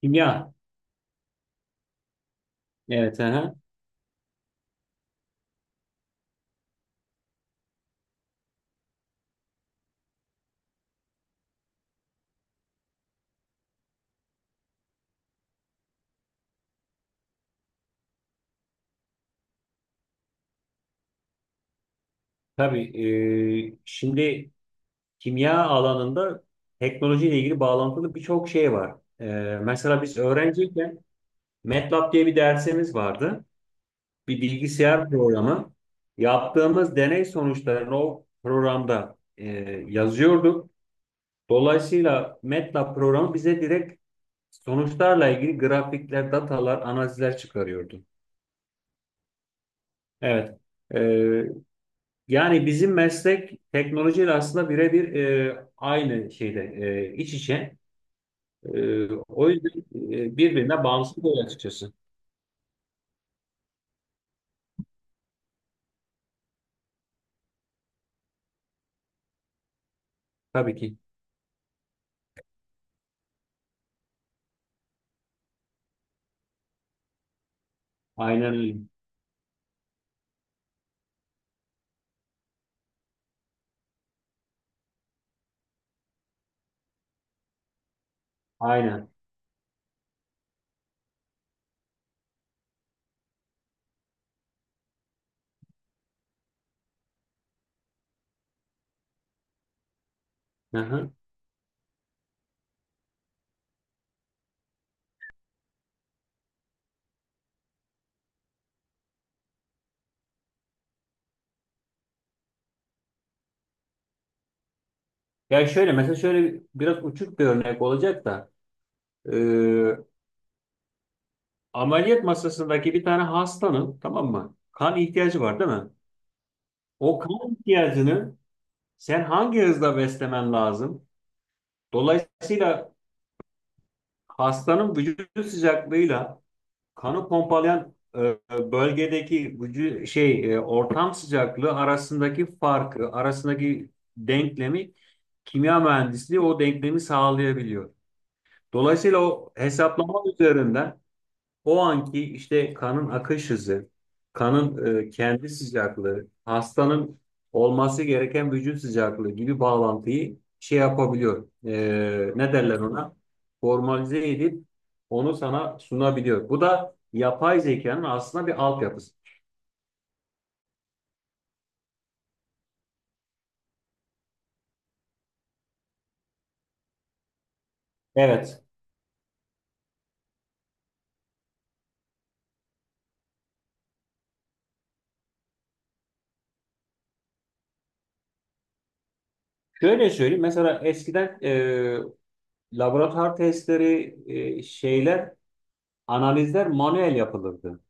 Kimya. Evet. Aha. Tabii. Şimdi kimya alanında teknolojiyle ilgili bağlantılı birçok şey var. E, mesela biz öğrenciyken MATLAB diye bir dersimiz vardı. Bir bilgisayar programı. Yaptığımız deney sonuçlarını o programda yazıyorduk. Dolayısıyla MATLAB programı bize direkt sonuçlarla ilgili grafikler, datalar, analizler çıkarıyordu. Evet. Yani bizim meslek teknolojiyle aslında birebir aynı şeyde iç içe. O yüzden birbirine bağımsız oluyor açıkçası. Tabii ki. Aynen öyle. Aynen. Hı hı. Ya şöyle mesela şöyle biraz uçuk bir örnek olacak da e, ameliyat masasındaki bir tane hastanın, tamam mı? Kan ihtiyacı var, değil mi? O kan ihtiyacını sen hangi hızla beslemen lazım? Dolayısıyla hastanın vücut sıcaklığıyla kanı pompalayan bölgedeki ortam sıcaklığı arasındaki farkı, arasındaki denklemi, kimya mühendisliği o denklemi sağlayabiliyor. Dolayısıyla o hesaplama üzerinden o anki işte kanın akış hızı, kanın kendi sıcaklığı, hastanın olması gereken vücut sıcaklığı gibi bağlantıyı şey yapabiliyor. Ne derler ona? Formalize edip onu sana sunabiliyor. Bu da yapay zekanın aslında bir altyapısı. Evet. Şöyle söyleyeyim. Mesela eskiden laboratuvar testleri, şeyler, analizler manuel yapılırdı.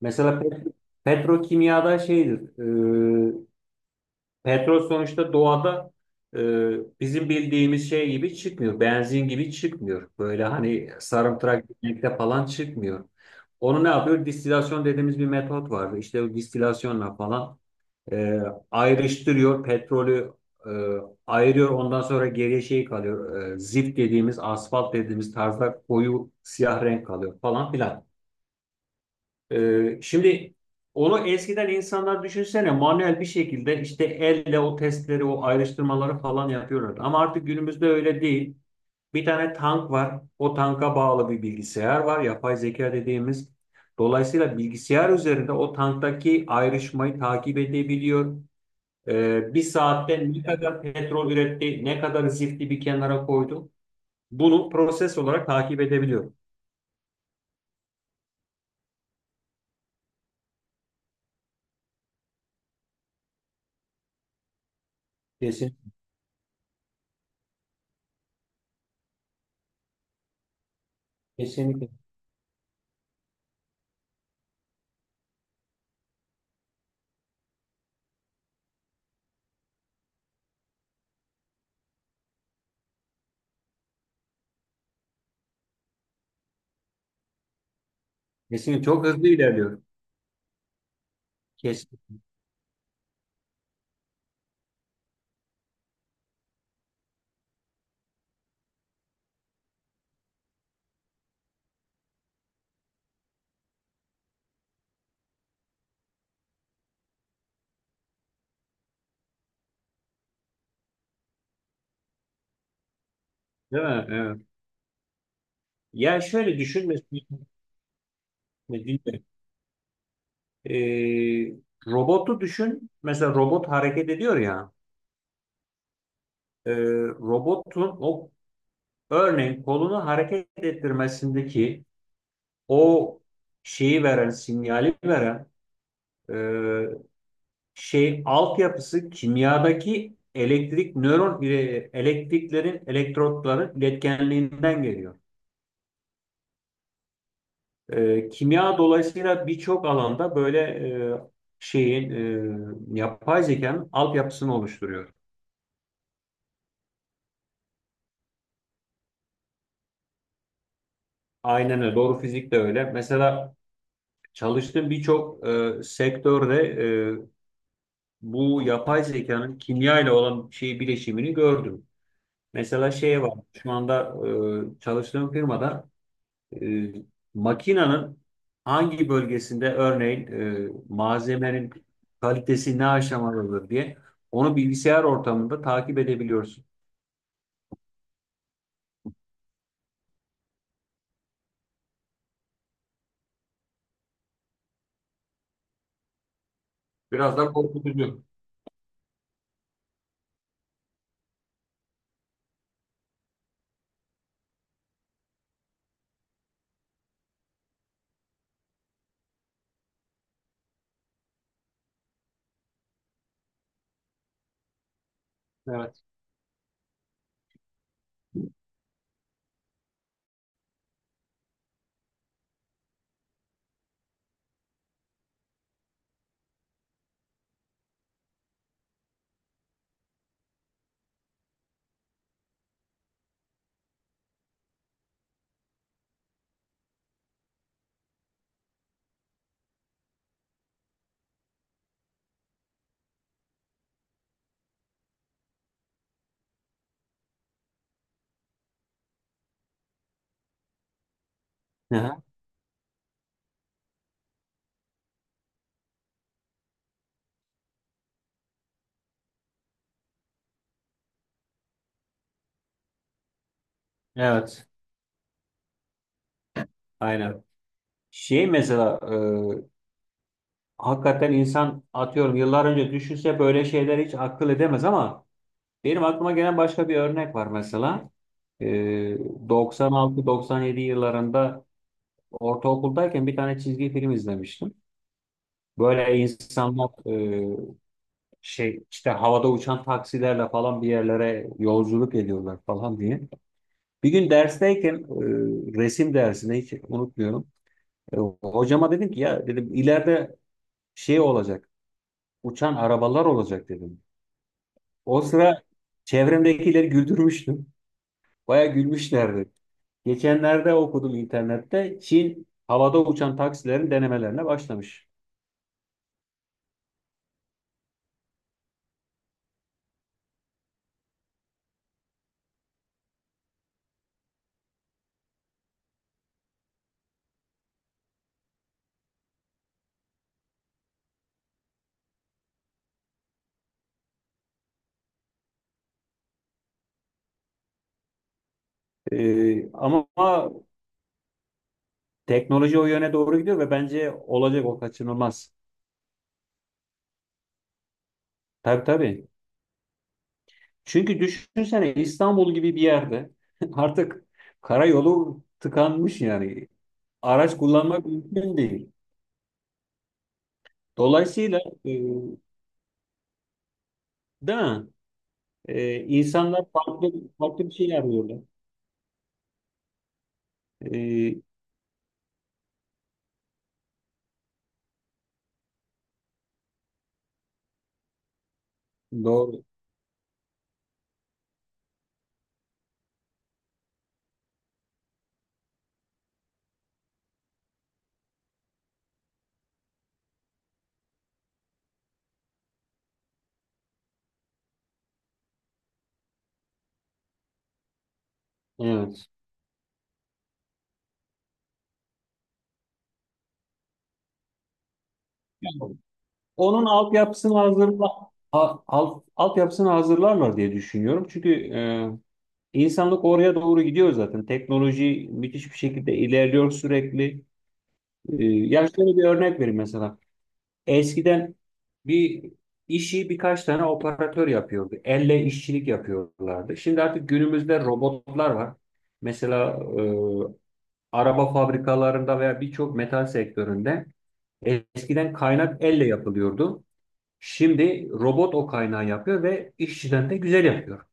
Mesela petrokimyada şeydir. Petrol sonuçta doğada e, bizim bildiğimiz şey gibi çıkmıyor. Benzin gibi çıkmıyor. Böyle hani sarımtırak gitmekte falan çıkmıyor. Onu ne yapıyor? Distilasyon dediğimiz bir metot vardı. İşte o distilasyonla falan e, ayrıştırıyor. Petrolü e, ayırıyor. Ondan sonra geriye şey kalıyor. Zift dediğimiz, asfalt dediğimiz tarzda koyu siyah renk kalıyor falan filan. Şimdi onu eskiden insanlar, düşünsene, manuel bir şekilde işte elle o testleri, o ayrıştırmaları falan yapıyorlardı. Ama artık günümüzde öyle değil. Bir tane tank var. O tanka bağlı bir bilgisayar var, yapay zeka dediğimiz. Dolayısıyla bilgisayar üzerinde o tanktaki ayrışmayı takip edebiliyor. Bir saatte ne kadar petrol üretti, ne kadar zifti bir kenara koydu, bunu proses olarak takip edebiliyor. Kesin, kesinlikle. Kesinlikle çok hızlı ilerliyor. Kesin. Değil mi? Evet. Ya şöyle düşün mesela, eee, robotu düşün. Mesela robot hareket ediyor ya. eee, robotun o, örneğin, kolunu hareket ettirmesindeki o şeyi veren, sinyali veren eee şey altyapısı, kimyadaki elektrik, elektriklerin, elektrotların iletkenliğinden geliyor. Kimya dolayısıyla birçok alanda böyle e, şeyin, yapay zekanın altyapısını oluşturuyor. Aynen öyle. Doğru, fizik de öyle. Mesela çalıştığım birçok sektörde e, bu yapay zekanın kimya ile olan şey bileşimini gördüm. Mesela şey var. Şu anda çalıştığım firmada E, makinenin hangi bölgesinde, örneğin, malzemenin kalitesi ne aşamadadır diye onu bilgisayar ortamında takip edebiliyorsun. Biraz da korkutucu. Evet. Aha. Evet, aynen. Şey mesela, e, hakikaten insan, atıyorum, yıllar önce düşünse böyle şeyler hiç akıl edemez, ama benim aklıma gelen başka bir örnek var mesela. E, 96-97 yıllarında, ortaokuldayken, bir tane çizgi film izlemiştim. Böyle insanlar e, şey işte, havada uçan taksilerle falan bir yerlere yolculuk ediyorlar falan diye. Bir gün dersteyken, resim dersinde, hiç unutmuyorum, hocama dedim ki, ya dedim, ileride şey olacak, uçan arabalar olacak dedim. O sıra çevremdekileri güldürmüştüm. Baya gülmüşlerdi. Geçenlerde okudum internette: Çin havada uçan taksilerin denemelerine başlamış. Ama teknoloji o yöne doğru gidiyor ve bence olacak, o kaçınılmaz. Tabii tabii. Çünkü düşünsene, İstanbul gibi bir yerde artık karayolu tıkanmış yani. Araç kullanmak mümkün değil. Dolayısıyla, e, değil mi, insanlar farklı farklı bir şey arıyorlar. E, doğru. Evet. Yani onun altyapısını altyapısını hazırlarlar diye düşünüyorum. Çünkü İnsanlık oraya doğru gidiyor zaten. Teknoloji müthiş bir şekilde ilerliyor sürekli. Ya şöyle bir örnek vereyim mesela. Eskiden bir işi birkaç tane operatör yapıyordu. Elle işçilik yapıyorlardı. Şimdi artık günümüzde robotlar var. Mesela e, araba fabrikalarında veya birçok metal sektöründe eskiden kaynak elle yapılıyordu. Şimdi robot o kaynağı yapıyor ve işçiden de güzel yapıyor.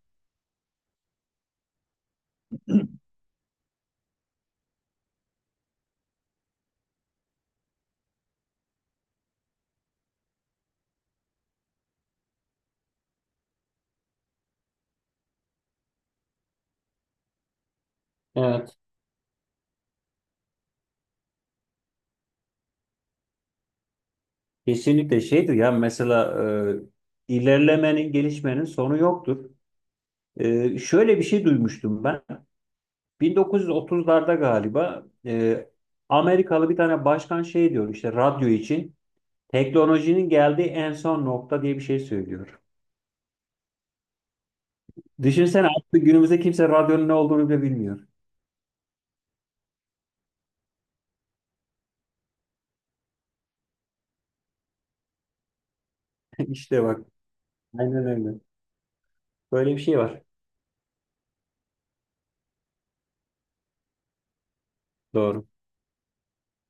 Evet. Kesinlikle şeydir ya, mesela, ilerlemenin, gelişmenin sonu yoktur. Şöyle bir şey duymuştum ben. 1930'larda galiba, Amerikalı bir tane başkan şey diyor işte, radyo için "teknolojinin geldiği en son nokta" diye bir şey söylüyor. Düşünsene, artık günümüzde kimse radyonun ne olduğunu bile bilmiyor. İşte bak. Aynen öyle. Böyle bir şey var. Doğru.